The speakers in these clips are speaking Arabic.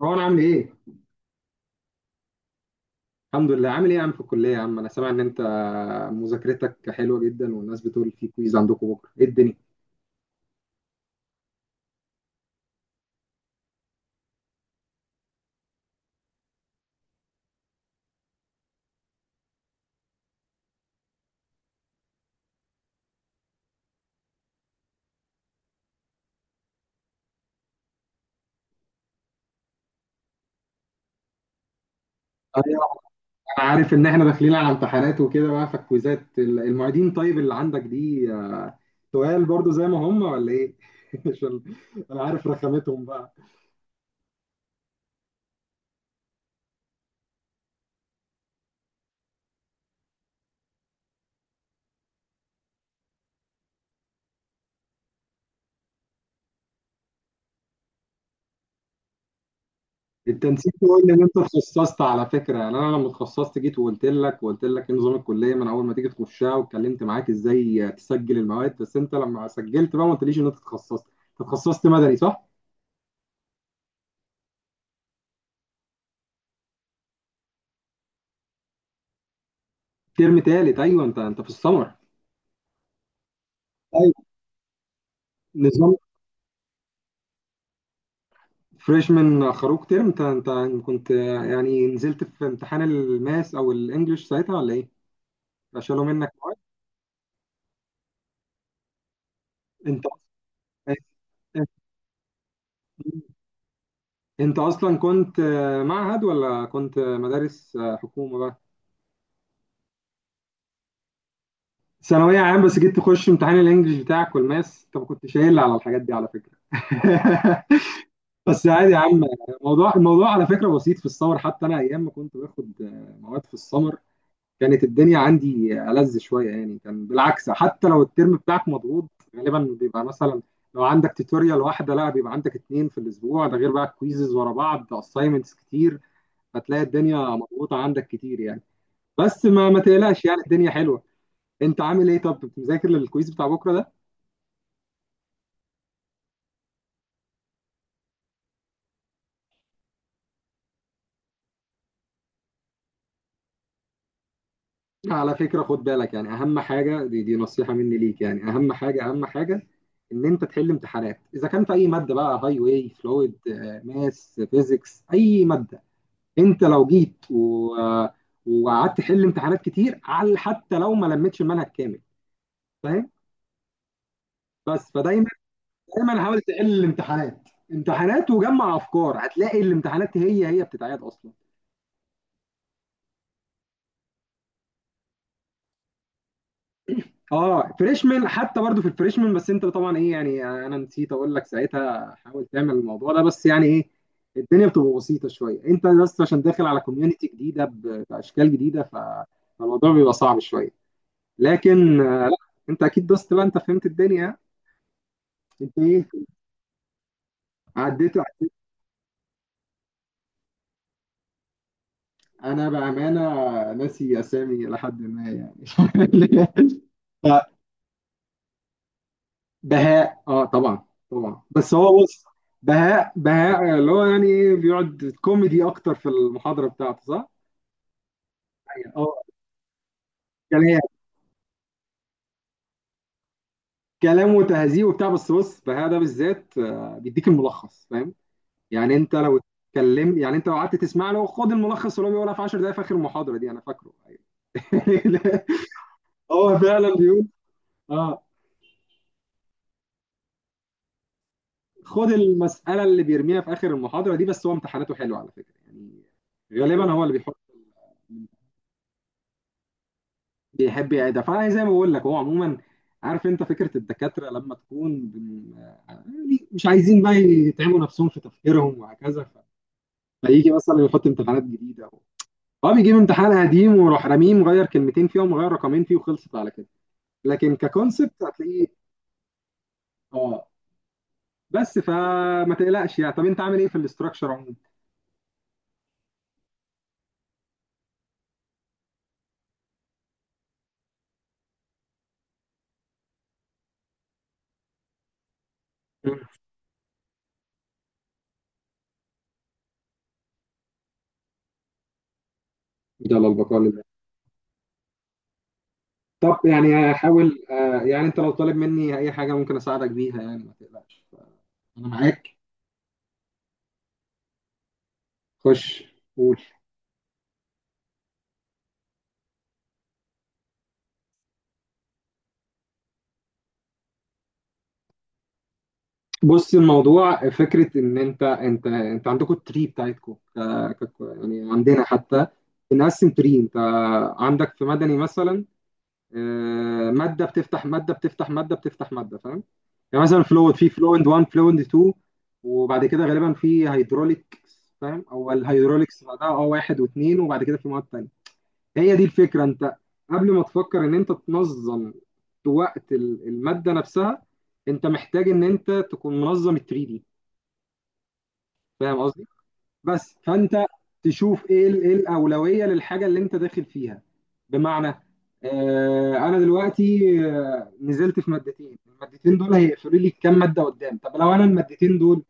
روان عامل ايه؟ الحمد لله عامل ايه يا عم في الكلية يا عم؟ أنا سامع إن أنت مذاكرتك حلوة جدا والناس بتقول في كويز عندكم بكرة، إيه الدنيا؟ أيوة، أنا عارف إن إحنا داخلين على امتحانات وكده بقى فالكويزات المعيدين، طيب اللي عندك دي تقال برضو زي ما هم ولا إيه؟ عشان أنا عارف رخامتهم بقى. انت نسيت تقول لي ان انت اتخصصت على فكره، يعني انا لما اتخصصت جيت وقلت لك ايه نظام الكليه من اول ما تيجي تخشها، واتكلمت معاك ازاي تسجل المواد، بس انت لما سجلت بقى ما قلتليش ان انت اتخصصت. انت اتخصصت مدني صح؟ ترم تالت، ايوه انت في السمر. ايوه نظام فريشمان، خروج ترم. انت كنت يعني نزلت في امتحان الماس او الانجليش ساعتها ولا ايه؟ شالوا منك. انت انت اصلا كنت معهد ولا كنت مدارس حكومه بقى؟ ثانوية عام بس جيت تخش امتحان الانجليش بتاعك والماس، انت ما كنتش قايل على الحاجات دي على فكرة. بس عادي يا عم. الموضوع على فكرة بسيط، في السمر حتى انا ايام ما كنت باخد مواد في السمر كانت الدنيا عندي ألذ شوية، يعني كان بالعكس. حتى لو الترم بتاعك مضغوط، غالبا بيبقى مثلا لو عندك توتوريال واحدة، لا، بيبقى عندك اتنين في الأسبوع، ده غير بقى كويزز ورا بعض، أسايمنتس كتير، فتلاقي الدنيا مضغوطة عندك كتير يعني. بس ما تقلقش، يعني الدنيا حلوة. انت عامل ايه؟ طب كنت مذاكر للكويز بتاع بكره ده؟ على فكره خد بالك، يعني اهم حاجه، دي نصيحه مني ليك، يعني اهم حاجه، اهم حاجه ان انت تحل امتحانات، اذا كان في اي ماده بقى، هاي واي، فلويد، ماس، فيزيكس، اي ماده، انت لو جيت و وقعدت تحل امتحانات كتير، على حتى لو ما لمتش المنهج كامل، فاهم؟ بس فدايما حاول تحل الامتحانات، امتحانات وجمع افكار، هتلاقي الامتحانات هي بتتعاد اصلا. اه فريشمان، حتى برضو في الفريشمان، بس انت طبعا ايه يعني، انا نسيت اقول لك ساعتها حاول تعمل الموضوع ده، بس يعني ايه، الدنيا بتبقى بسيطه شويه، انت بس عشان داخل على كوميونتي جديده باشكال جديده فالموضوع بيبقى صعب شويه، لكن لا، انت اكيد دوست بقى، انت فهمت الدنيا، انت ايه عديت. انا بامانه ناسي اسامي لحد ما يعني بهاء اه طبعا، طبعا، بس هو بص، بهاء اللي هو يعني ايه بيقعد كوميدي اكتر في المحاضره بتاعته صح؟ أيوة. اه كلام كلام وتهذيب وبتاع، بس بص بهاء ده بالذات بيديك الملخص فاهم؟ يعني انت لو اتكلمت، يعني انت لو قعدت تسمع له، خد الملخص اللي هو بيقولها في 10 دقائق في اخر المحاضره دي، انا فاكره. أيوة. هو فعلا بيقول، اه، خد المساله اللي بيرميها في اخر المحاضره دي، بس هو امتحاناته حلوه على فكره يعني، غالبا هو اللي بيحط، بيحب يعيدها، فانا زي ما بقول لك، هو عموما عارف، انت فكره الدكاتره لما تكون يعني مش عايزين بقى يتعبوا نفسهم في تفكيرهم وهكذا، فيجي مثلا يحط امتحانات جديده، هو بيجيب امتحان قديم ويروح راميه مغير كلمتين فيه ومغير رقمين فيه وخلصت على كده، لكن ككونسبت هتلاقيه. اه بس فما تقلقش يعني. طب انت عامل ايه في الاستراكشر عموما؟ مم. يلا البقاء لله. طب يعني هحاول يعني انت لو طالب مني اي حاجه ممكن اساعدك بيها، يعني ما تقلقش، انا معاك. خش قول. بص الموضوع فكرة، إن أنت عندكم التري بتاعتكم يعني عندنا حتى بنقسم تري. أنت عندك في مدني مثلا مادة بتفتح مادة، بتفتح مادة، بتفتح مادة، فاهم؟ يعني مثلا فلويد، في فلويد 1، فلويد 2، وبعد كده غالبا في هيدروليك، فاهم؟ أو الهيدروليكس بعدها، أه واحد واثنين، وبعد كده في مواد تانية. هي دي الفكرة. أنت قبل ما تفكر إن أنت تنظم وقت المادة نفسها، أنت محتاج إن أنت تكون منظم ال 3، فاهم قصدي؟ بس فانت تشوف ايه ايه الاولويه للحاجه اللي انت داخل فيها، بمعنى آه انا دلوقتي نزلت في مادتين، المادتين دول هيقفلوا لي كام ماده قدام، طب لو انا المادتين دول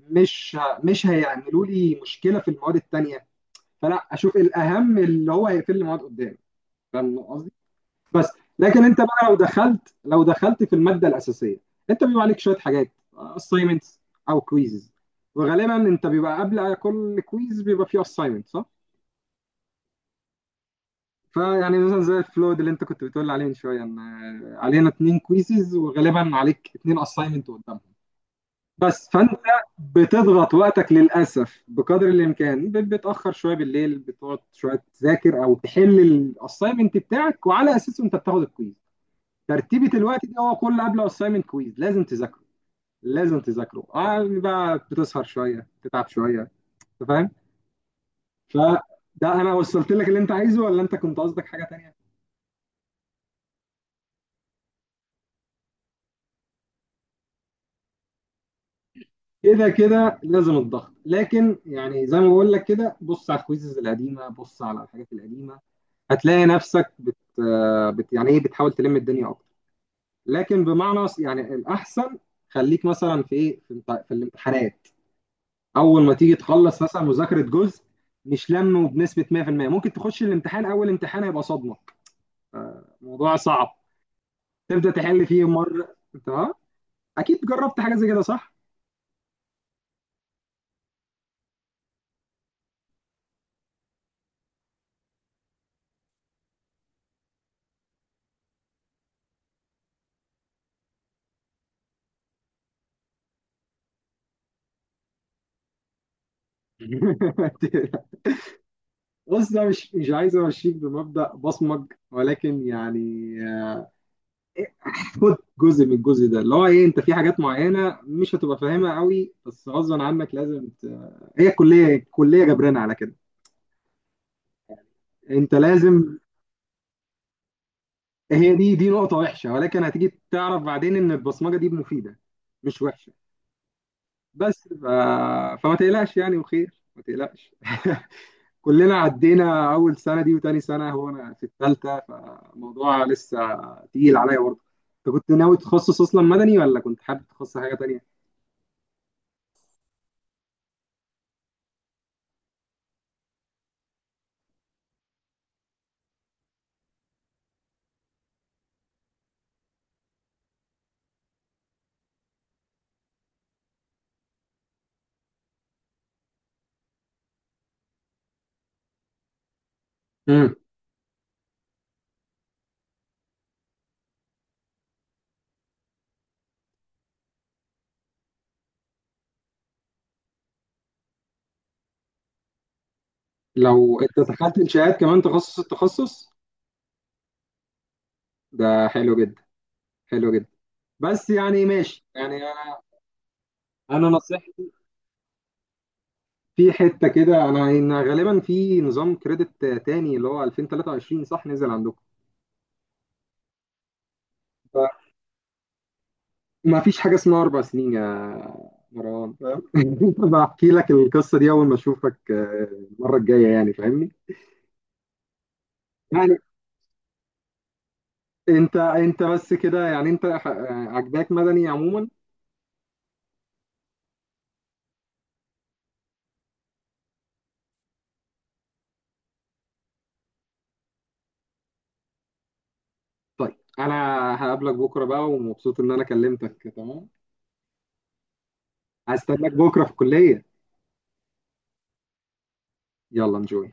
مش هيعملوا لي مشكله في المواد التانيه، فلا اشوف الاهم اللي هو هيقفل لي مواد قدام، فاهم قصدي؟ بس لكن انت بقى لو دخلت في الماده الاساسيه، انت بيبقى عليك شويه حاجات، assignments او كويزز، وغالبا انت بيبقى قبل كل كويز بيبقى فيه assignment صح؟ فيعني مثلا زي الفلود اللي انت كنت بتقول عليه من شويه، ان علينا اتنين كويزز وغالبا عليك اتنين assignment قدامهم، بس فانت بتضغط وقتك للاسف بقدر الامكان، بتاخر شويه بالليل، بتقعد شويه تذاكر او تحل الاساينمنت بتاعك، وعلى اساسه انت بتاخد الكويز. ترتيبة الوقت دي هو كل قبل اسايمنت كويز لازم تذاكره، لازم تذاكره، اه بقى بتسهر شويه تتعب شويه، انت فاهم؟ فده انا وصلت لك اللي انت عايزه ولا انت كنت قصدك حاجه تانية؟ كده كده لازم الضغط، لكن يعني زي ما بقول لك، كده بص على الكويزز القديمه، بص على الحاجات القديمه، هتلاقي نفسك بت يعني ايه بتحاول تلم الدنيا اكتر، لكن بمعنى يعني الاحسن، خليك مثلا في ايه، في الامتحانات، اول ما تيجي تخلص مثلا مذاكره جزء، مش لمه بنسبه 100%، ممكن تخش الامتحان، اول امتحان هيبقى صدمه، موضوع صعب، تبدا تحل فيه مره، تمام. اكيد جربت حاجه زي كده صح؟ بص ده مش، مش عايز امشيك بمبدأ بصمج، ولكن يعني خد جزء من الجزء ده اللي هو ايه، انت في حاجات معينه مش هتبقى فاهمها قوي، بس غصبا عنك لازم هي الكليه جبرانه على كده، انت لازم. هي دي نقطة وحشة، ولكن هتيجي تعرف بعدين إن البصمجة دي مفيدة، مش وحشة. بس ف... فما تقلقش يعني، وخير ما تقلقش. كلنا عدينا أول سنة دي وتاني سنة، هو أنا في الثالثة، فالموضوع لسه تقيل عليا برضه. أنت كنت ناوي تخصص أصلا مدني ولا كنت حابب تخصص حاجة تانية؟ مم. لو أنت دخلت إنشاءات كمان تخصص التخصص، ده حلو جدا، حلو جدا، بس يعني ماشي. يعني أنا، أنا نصيحتي في حتة كده، انا إن غالبا في نظام كريدت تاني اللي هو 2023 صح نزل عندكم؟ ما فيش حاجة اسمها أربع سنين يا مروان، فاهم؟ بحكي لك القصة دي أول ما أشوفك المرة الجاية، يعني فاهمني؟ يعني أنت بس كده، يعني أنت ح- آه، عجباك مدني عموما؟ طيب أنا هقابلك بكرة بقى، ومبسوط إن أنا كلمتك، تمام. هستناك بكرة في الكلية. يلا نجوي.